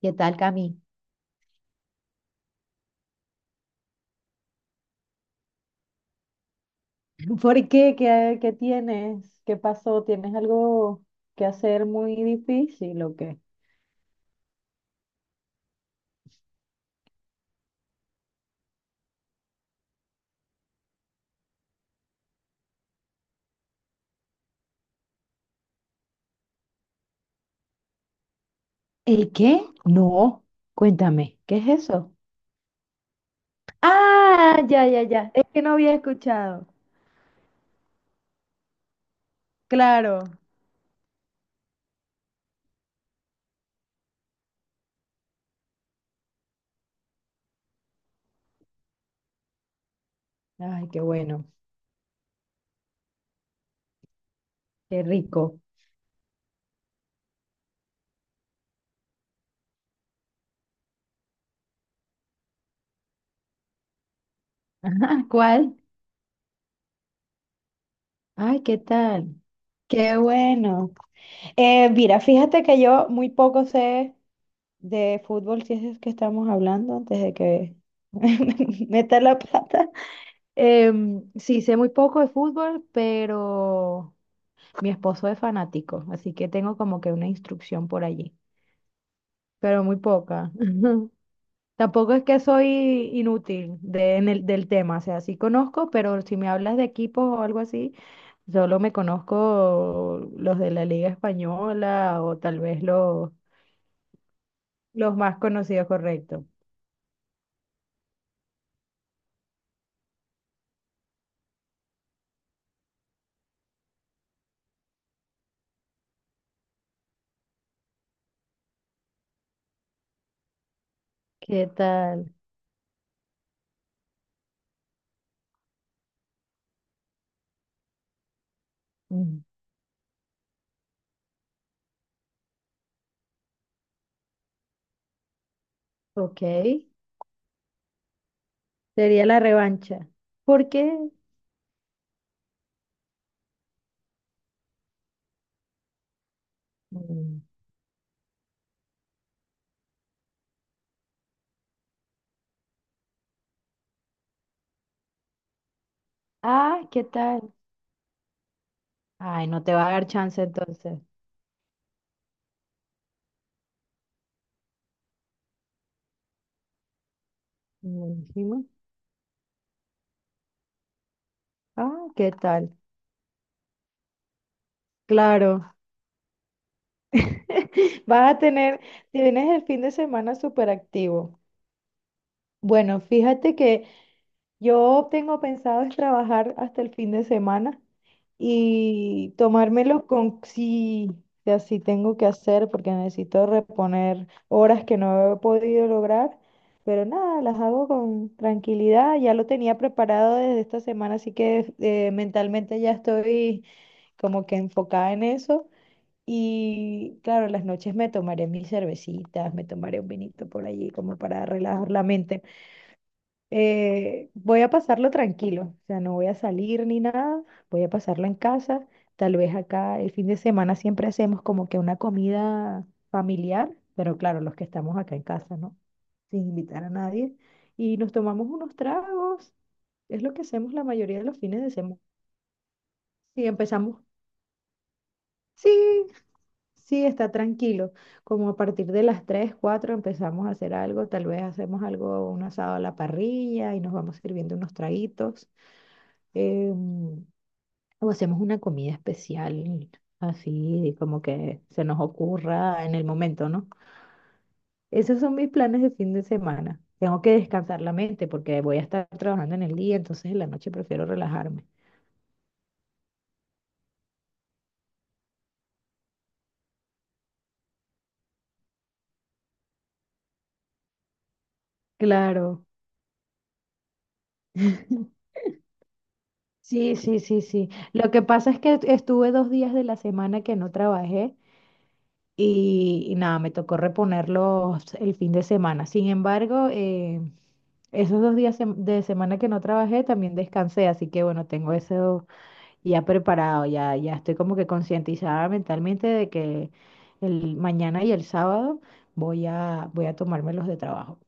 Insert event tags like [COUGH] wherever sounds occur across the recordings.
¿Qué tal, Cami? [LAUGHS] ¿Por qué? ¿Qué tienes? ¿Qué pasó? ¿Tienes algo que hacer muy difícil o qué? ¿El qué? No, cuéntame, ¿qué es eso? Ah, ya, ya, ya. Es que no había escuchado. Claro. Ay, qué bueno, qué rico. [LAUGHS] Ah, ¿cuál? Ay, ¿qué tal? Qué bueno. Mira, fíjate que yo muy poco sé de fútbol, si es que estamos hablando antes de que [LAUGHS] meta la pata. Sí, sé muy poco de fútbol, pero mi esposo es fanático, así que tengo como que una instrucción por allí, pero muy poca. [LAUGHS] Tampoco es que soy inútil de, en el, del tema, o sea, sí conozco, pero si me hablas de equipos o algo así, solo me conozco los de la Liga Española o tal vez los más conocidos, correcto. ¿Qué tal? Mm, ok, sería la revancha. ¿Por qué? Mm. Ah, ¿qué tal? Ay, no te va a dar chance entonces. Buenísimo. Ah, ¿qué tal? Claro. [LAUGHS] Vas a tener, tienes el fin de semana súper activo. Bueno, fíjate que yo tengo pensado es trabajar hasta el fin de semana y tomármelo con si así tengo que hacer porque necesito reponer horas que no he podido lograr, pero nada, las hago con tranquilidad. Ya lo tenía preparado desde esta semana, así que mentalmente ya estoy como que enfocada en eso. Y claro, las noches me tomaré mis cervecitas, me tomaré un vinito por allí como para relajar la mente. Voy a pasarlo tranquilo, o sea, no voy a salir ni nada, voy a pasarlo en casa. Tal vez acá el fin de semana siempre hacemos como que una comida familiar, pero claro, los que estamos acá en casa, ¿no? Sin invitar a nadie. Y nos tomamos unos tragos, es lo que hacemos la mayoría de los fines de semana. Y empezamos, sí, sí, está tranquilo. Como a partir de las 3, 4 empezamos a hacer algo, tal vez hacemos algo, un asado a la parrilla y nos vamos sirviendo unos traguitos. eh, o hacemos una comida especial, así como que se nos ocurra en el momento, ¿no? Esos son mis planes de fin de semana. Tengo que descansar la mente porque voy a estar trabajando en el día, entonces en la noche prefiero relajarme. Claro. [LAUGHS] Sí, sí, sí, sí. Lo que pasa es que estuve 2 días de la semana que no trabajé y nada, me tocó reponerlos el fin de semana. Sin embargo, esos 2 días de semana que no trabajé también descansé, así que bueno, tengo eso ya preparado, ya estoy como que concientizada mentalmente de que el mañana y el sábado voy a tomármelos de trabajo.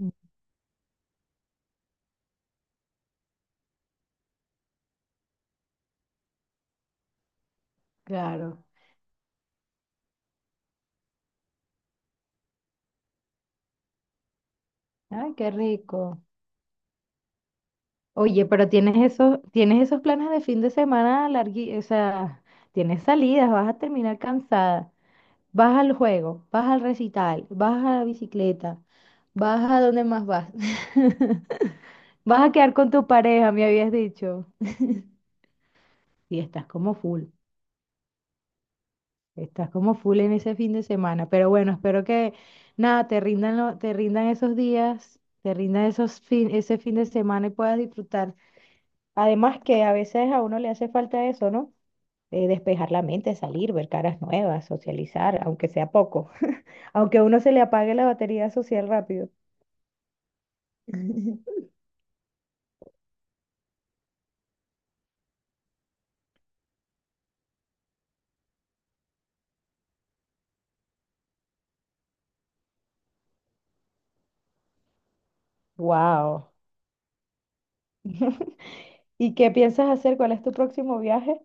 Mm, claro. Ay, qué rico. Oye, pero tienes esos planes de fin de semana largui, o sea, tienes salidas, vas a terminar cansada. Vas al juego, vas al recital, vas a la bicicleta, vas a donde más vas. [LAUGHS] Vas a quedar con tu pareja, me habías dicho. Y estás como full en ese fin de semana. Pero bueno, espero que nada, te rindan, te rindan esos días, te rindan ese fin de semana y puedas disfrutar. Además que a veces a uno le hace falta eso, ¿no? Despejar la mente, salir, ver caras nuevas, socializar, aunque sea poco, [LAUGHS] aunque a uno se le apague la batería social rápido. [LAUGHS] Wow. [LAUGHS] ¿Y qué piensas hacer? ¿Cuál es tu próximo viaje?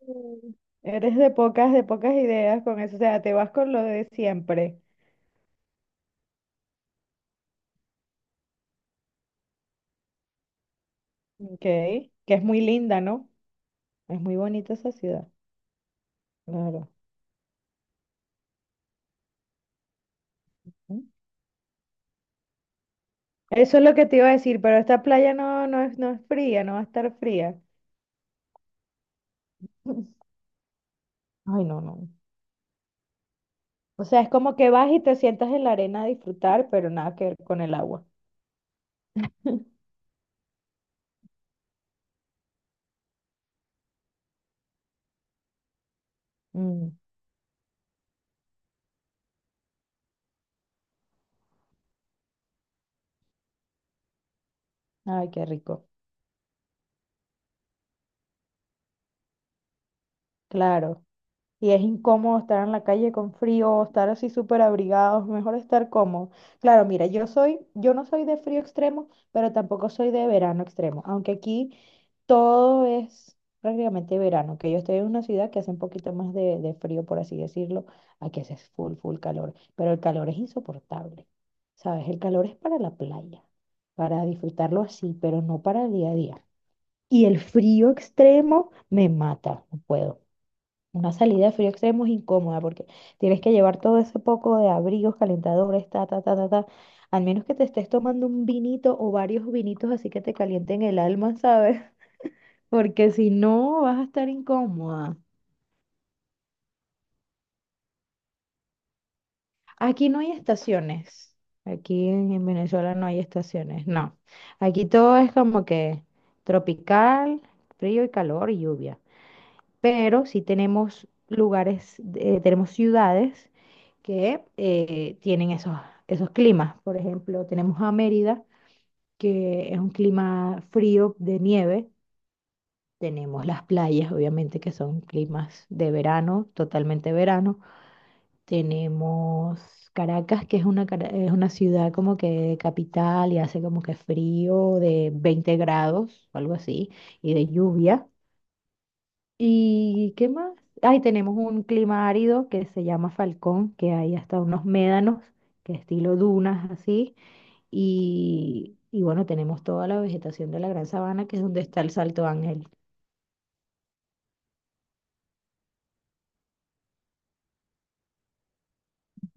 Mm. Eres de pocas ideas con eso, o sea, te vas con lo de siempre. Ok. Que es muy linda, ¿no? Es muy bonita esa ciudad. Claro. ¿Mm? Eso es lo que te iba a decir, pero esta playa no, no es fría, no va a estar fría. [LAUGHS] Ay, no, no. O sea, es como que vas y te sientas en la arena a disfrutar, pero nada que ver con el agua. Mm, ay, qué rico. Claro. Y es incómodo estar en la calle con frío, estar así súper abrigados, mejor estar cómodo. Claro, mira, yo soy, yo no soy de frío extremo, pero tampoco soy de verano extremo, aunque aquí todo es prácticamente verano, que yo estoy en una ciudad que hace un poquito más de frío, por así decirlo, aquí hace full, full calor, pero el calor es insoportable, ¿sabes? El calor es para la playa, para disfrutarlo así, pero no para el día a día. Y el frío extremo me mata, no puedo. Una salida de frío extremo es incómoda porque tienes que llevar todo ese poco de abrigos, calentadores, ta, ta, ta, ta, ta. Al menos que te estés tomando un vinito o varios vinitos así que te calienten el alma, ¿sabes? [LAUGHS] Porque si no, vas a estar incómoda. Aquí no hay estaciones. Aquí en Venezuela no hay estaciones, no. Aquí todo es como que tropical, frío y calor y lluvia. Pero sí tenemos lugares, tenemos ciudades que tienen esos climas. Por ejemplo, tenemos a Mérida, que es un clima frío de nieve. Tenemos las playas, obviamente, que son climas de verano, totalmente verano. Tenemos Caracas, que es una ciudad como que capital y hace como que frío de 20 grados, o algo así, y de lluvia. ¿Y qué más? Ahí tenemos un clima árido que se llama Falcón, que hay hasta unos médanos, que estilo dunas así. Y bueno, tenemos toda la vegetación de la Gran Sabana, que es donde está el Salto Ángel.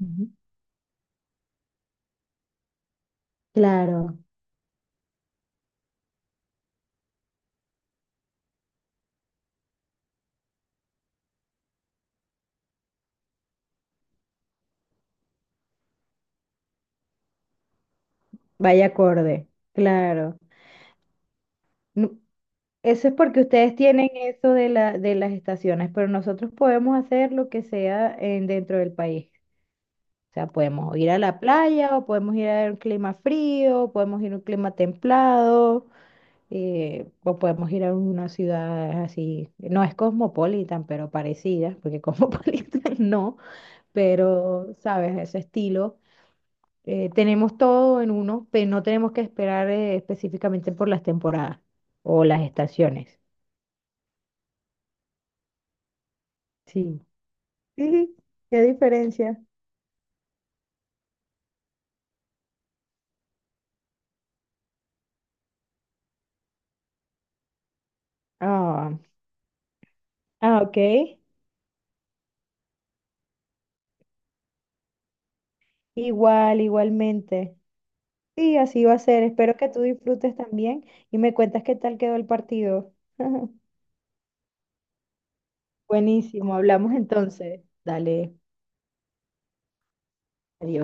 Ujú. Claro, vaya acorde, claro. No- Eso es porque ustedes tienen eso de la, de las estaciones, pero nosotros podemos hacer lo que sea dentro del país. O sea, podemos ir a la playa, o podemos ir a un clima frío, o podemos ir a un clima templado. O podemos ir a una ciudad así, no es cosmopolitan, pero parecida, porque [LAUGHS] cosmopolitan no, pero sabes, ese estilo. Tenemos todo en uno, pero no tenemos que esperar específicamente por las temporadas o las estaciones. Sí. Sí, qué diferencia. Ah, ah, ok. Igual, igualmente. Sí, así va a ser. Espero que tú disfrutes también y me cuentas qué tal quedó el partido. [LAUGHS] Buenísimo, hablamos entonces. Dale, adiós.